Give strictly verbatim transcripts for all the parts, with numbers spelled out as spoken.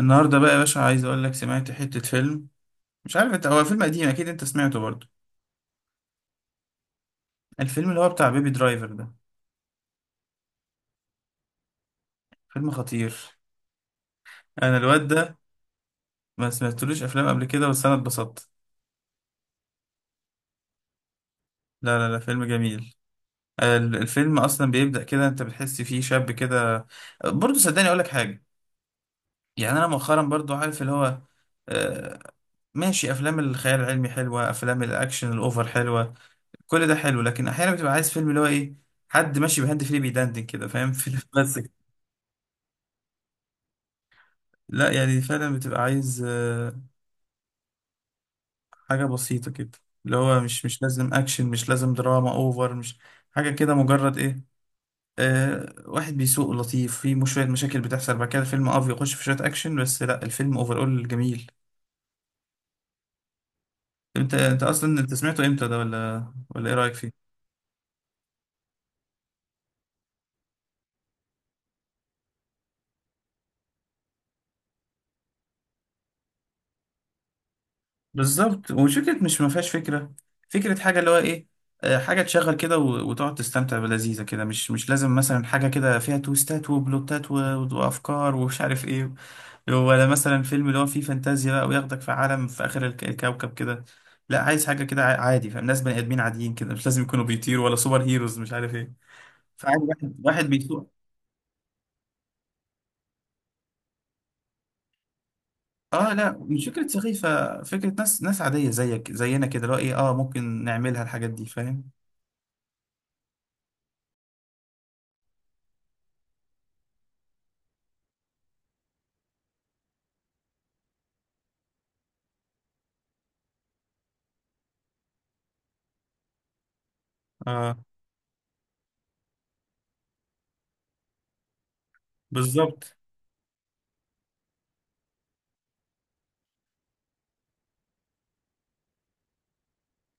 النهارده بقى يا باشا عايز اقول لك سمعت حتة فيلم. مش عارف انت، هو فيلم قديم اكيد انت سمعته برضه، الفيلم اللي هو بتاع بيبي درايفر ده. فيلم خطير. انا الواد ده ما سمعتلوش افلام قبل كده بس انا اتبسطت. لا لا لا فيلم جميل. ال- الفيلم اصلا بيبدأ كده، انت بتحس فيه شاب كده. برضه صدقني اقول لك حاجة، يعني انا مؤخرا برضه عارف اللي هو آه، ماشي، افلام الخيال العلمي حلوة، افلام الاكشن الاوفر حلوة، كل ده حلو، لكن احيانا بتبقى عايز فيلم اللي هو ايه، حد ماشي بهاند فري بيدندن كده، فاهم؟ فيلم بس. لا يعني فعلا بتبقى عايز آه، حاجة بسيطة كده، اللي هو مش مش لازم أكشن، مش لازم دراما أوفر، مش حاجة كده، مجرد إيه، آه، واحد بيسوق لطيف، في مش شوية مشاكل بتحصل بعد كده الفيلم أه بيخش في شوية أكشن، بس لا الفيلم أول جميل. أنت أنت أصلا أنت سمعته إمتى ده؟ ولا ولا إيه رأيك فيه؟ بالظبط، وفكرة مش ما فيهاش فكرة، فكرة حاجة اللي هو إيه، آه، حاجة تشغل كده و- وتقعد تستمتع بلذيذة كده، مش مش لازم مثلا حاجة كده فيها تويستات وبلوتات و- وأفكار ومش عارف إيه. ولا مثلا فيلم اللي هو فيه فانتازيا بقى وياخدك في عالم في آخر الك- الكوكب كده. لا عايز حاجة كده ع- عادي، فاهم، ناس بني آدمين عاديين كده، مش لازم يكونوا بيطيروا ولا سوبر هيروز مش عارف ايه. فعادي واحد واحد بيسوق. اه لا مش فكرة سخيفة، فكرة ناس ناس عادية زيك زينا كده اللي هو ايه، اه ممكن نعملها الحاجات دي، فاهم؟ اه. بالظبط.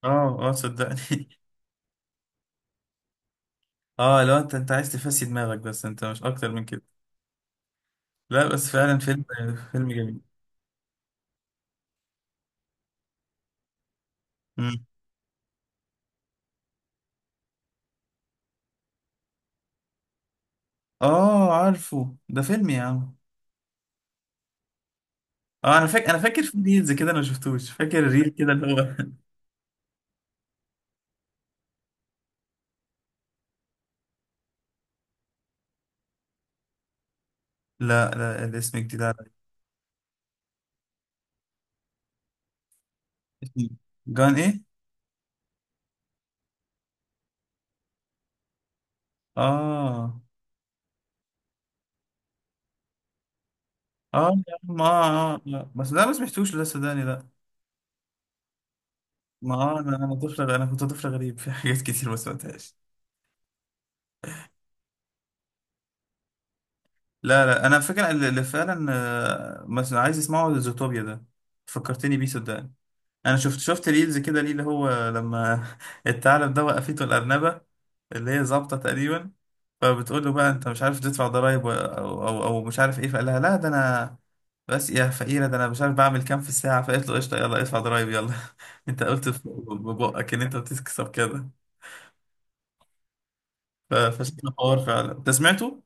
اه اه صدقني. اه لو انت، انت عايز تفسي دماغك بس، انت مش اكتر من كده. لا بس فعلا فيلم، فيلم جميل. مم. اه عارفه ده فيلم يا عم. اه انا فاكر، انا فاكر في ريلز كده، انا ما شفتوش، فاكر ريل كده اللي هو لا لا الاسم جديد عليا. جان ايه؟ اه اه يا عم، اه اه لا بس ده ما سمعتوش، لا صدقني لا. ما آه انا، انا طفل غ- انا كنت طفل غريب في حاجات كتير ما سمعتهاش. لا لا انا فاكر اللي اللي فعلا آه، مثلا عايز اسمعه زوتوبيا ده، فكرتني بيه صدقني. انا شفت شفت ريلز كده ليه اللي هو لما الثعلب ده وقفته الارنبه اللي هي ظابطه تقريبا، فبتقول له بقى انت مش عارف تدفع ضرايب و- او او او مش عارف ايه، فقال لها لا ده انا بس يا فقيره، ده انا مش عارف بعمل كام في الساعه، فقالت له قشطه يلا ادفع ضرايب يلا. انت قلت في- ببقك ان انت بتكسب كده. ف- فشكله حوار فعلا، انت سمعته؟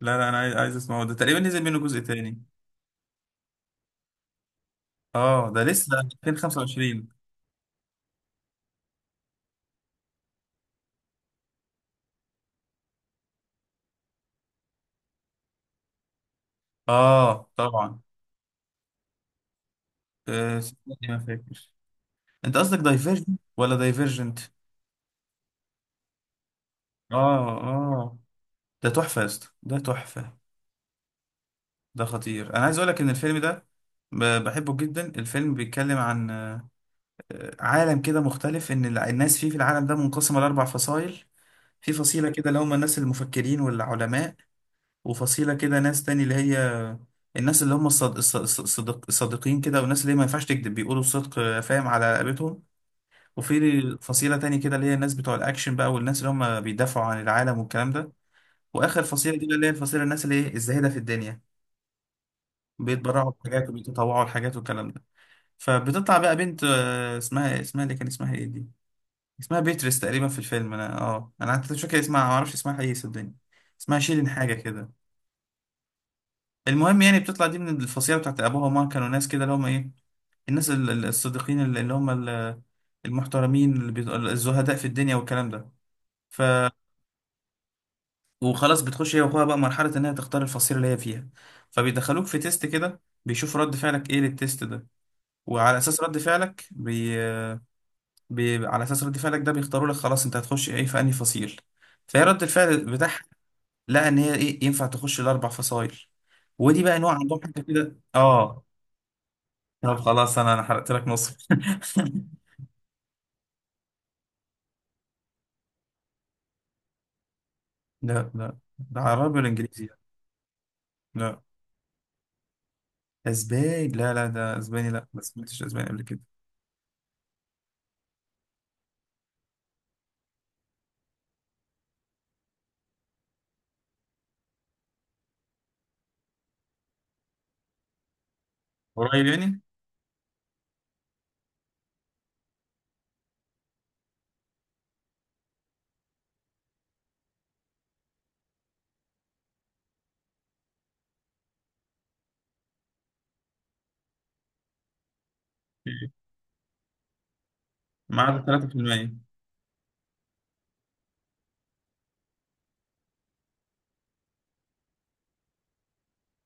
لا لا انا عايز، عايز اسمعه، ده تقريبا نزل منه جزء تاني. اه ده لسه ألفين وخمسة وعشرين. اه طبعا. أه صدقني ما فاكر. انت قصدك دايفيرجنت ولا دايفيرجنت؟ اه اه. ده تحفه يا اسطى، ده تحفه. ده خطير، انا عايز اقول لك ان الفيلم ده ب- بحبه جدا. الفيلم بيتكلم عن آه، عالم كده مختلف، ان الع- الناس فيه في العالم ده منقسمه لاربع فصائل. في فصيله كده اللي هم الناس المفكرين والعلماء، وفصيله كده ناس تاني اللي هي الناس اللي هم الصد... الص- الص- الصدق... الصادقين كده، والناس اللي ما ينفعش تكذب، بيقولوا الصدق آه، فاهم، على رقبتهم. وفي فصيلة تاني كده اللي هي الناس بتوع الأكشن بقى، والناس اللي هم بيدافعوا عن العالم والكلام ده. واخر فصيله دي بقى اللي هي الفصيله الناس اللي ايه الزاهده في الدنيا، بيتبرعوا بحاجات وبيتطوعوا لحاجات والكلام ده. فبتطلع بقى بنت آه، اسمها اسمها اللي كان اسمها ايه دي، اسمها بيتريس تقريبا في الفيلم، انا اه انا حتى مش فاكر اسمها، ما اعرفش اسمها ايه صدقني، اسمها شيرين حاجه كده. المهم يعني بتطلع دي من الفصيله بتاعت ابوها وماما، كانوا ناس كده اللي هم ايه، الناس ال- ال- الصادقين اللي اللي هم ال- المحترمين اللي بيت- الزهداء في الدنيا والكلام ده. وخلاص بتخش هي واخوها بقى مرحلة إن هي تختار الفصيلة اللي هي فيها، فبيدخلوك في تيست كده بيشوفوا رد فعلك إيه للتيست ده، وعلى أساس رد فعلك بي... بي... على أساس رد فعلك ده بيختاروا لك خلاص أنت هتخش إيه في أنهي فصيل. فهي رد الفعل بتاعها لقى إن هي إيه ينفع تخش الأربع فصايل، ودي بقى نوع عندهم حاجة كده آه. طب خلاص أنا، أنا حرقت لك نص. لا لا ده عربي ولا إنجليزي يعني؟ لا أسباني، لا لا ده أسباني، لا ما سمعتش أسباني قبل كده. قريب يعني. ما عدا تلاتة في المية.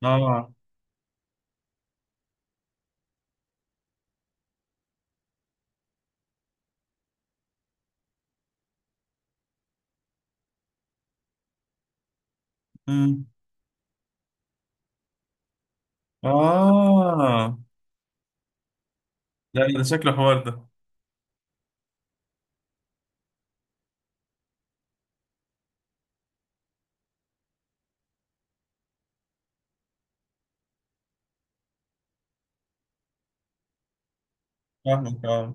اه. امم. اه لا ده شكله حوار ده. فاهمك اه.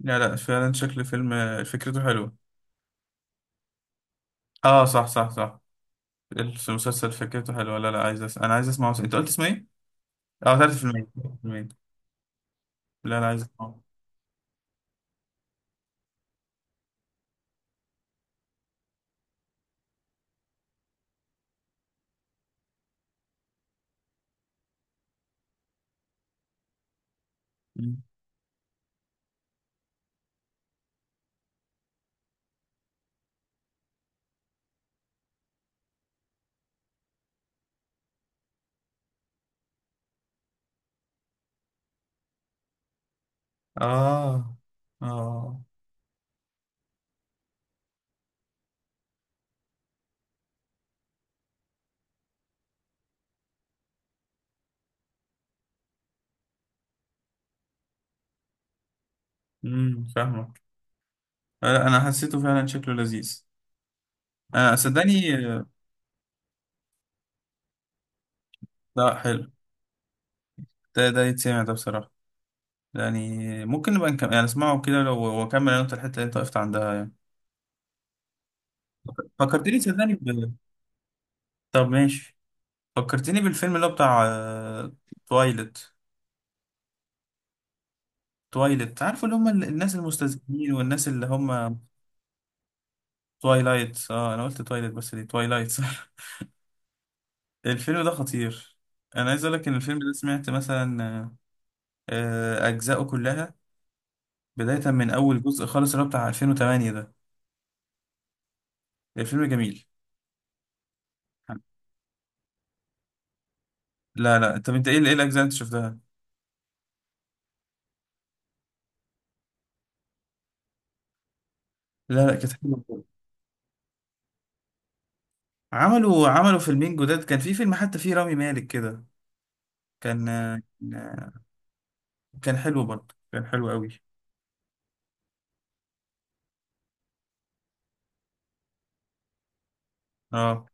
لا لا فعلا شكل فيلم آه، فكرته حلوه. اه صح صح صح. المسلسل فكرته حلوه، لا لا عايز أس... انا عايز اسمعه، انت قلت اسمه ايه؟ اه تلاتة في المية، تلاتة في المية. لا لا عايز اسمعه. مم. اه اه. امم فاهمك. آه، لا انا حسيته فعلا شكله لذيذ، انا صدقني آه،. لا حلو. ده ده يتسمع ده بصراحه، يعني ممكن نبقى نكمل يعني اسمعه كده لو واكمل انا، انت الحته اللي انت وقفت عندها يعني. فكرتني صدقني ب... طب ماشي. فكرتني بالفيلم اللي هو بتاع تويلت. تويلت، عارف اللي هم ال- الناس المستذئبين والناس اللي هم تويلايت اه انا قلت تويلت بس دي تويلايت صح. الفيلم ده خطير، انا عايز اقول لك ان الفيلم ده سمعت مثلا آه، اجزائه كلها، بدايه من اول جزء خالص اللي هو بتاع ألفين وتمنية ده. الفيلم جميل. لا لا طب انت ايه، ايه الاجزاء اللي انت شفتها؟ لا لا كانت حلوه. عملوا، عملوا فيلمين جداد، كان في فيلم حتى فيه رامي مالك كده، كان آه، كان حلو برضه، كان حلو قوي. اه.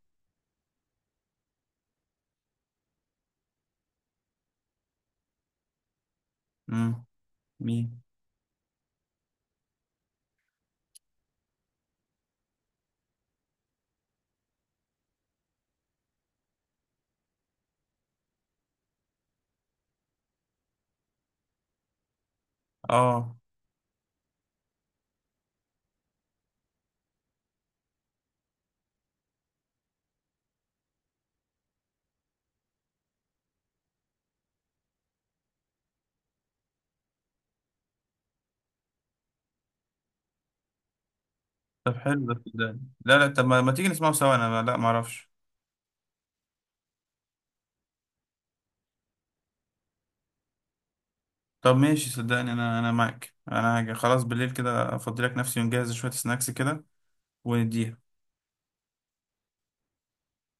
امم. مين؟ اه طب حلو ده صدقني، لا لا طب ما, ما تيجي نسمعه سوا، انا لا ما اعرفش. طب ماشي صدقني انا، انا معاك، انا هاجي خلاص بالليل كده افضي لك نفسي، ونجهز شوية سناكس كده ونديها.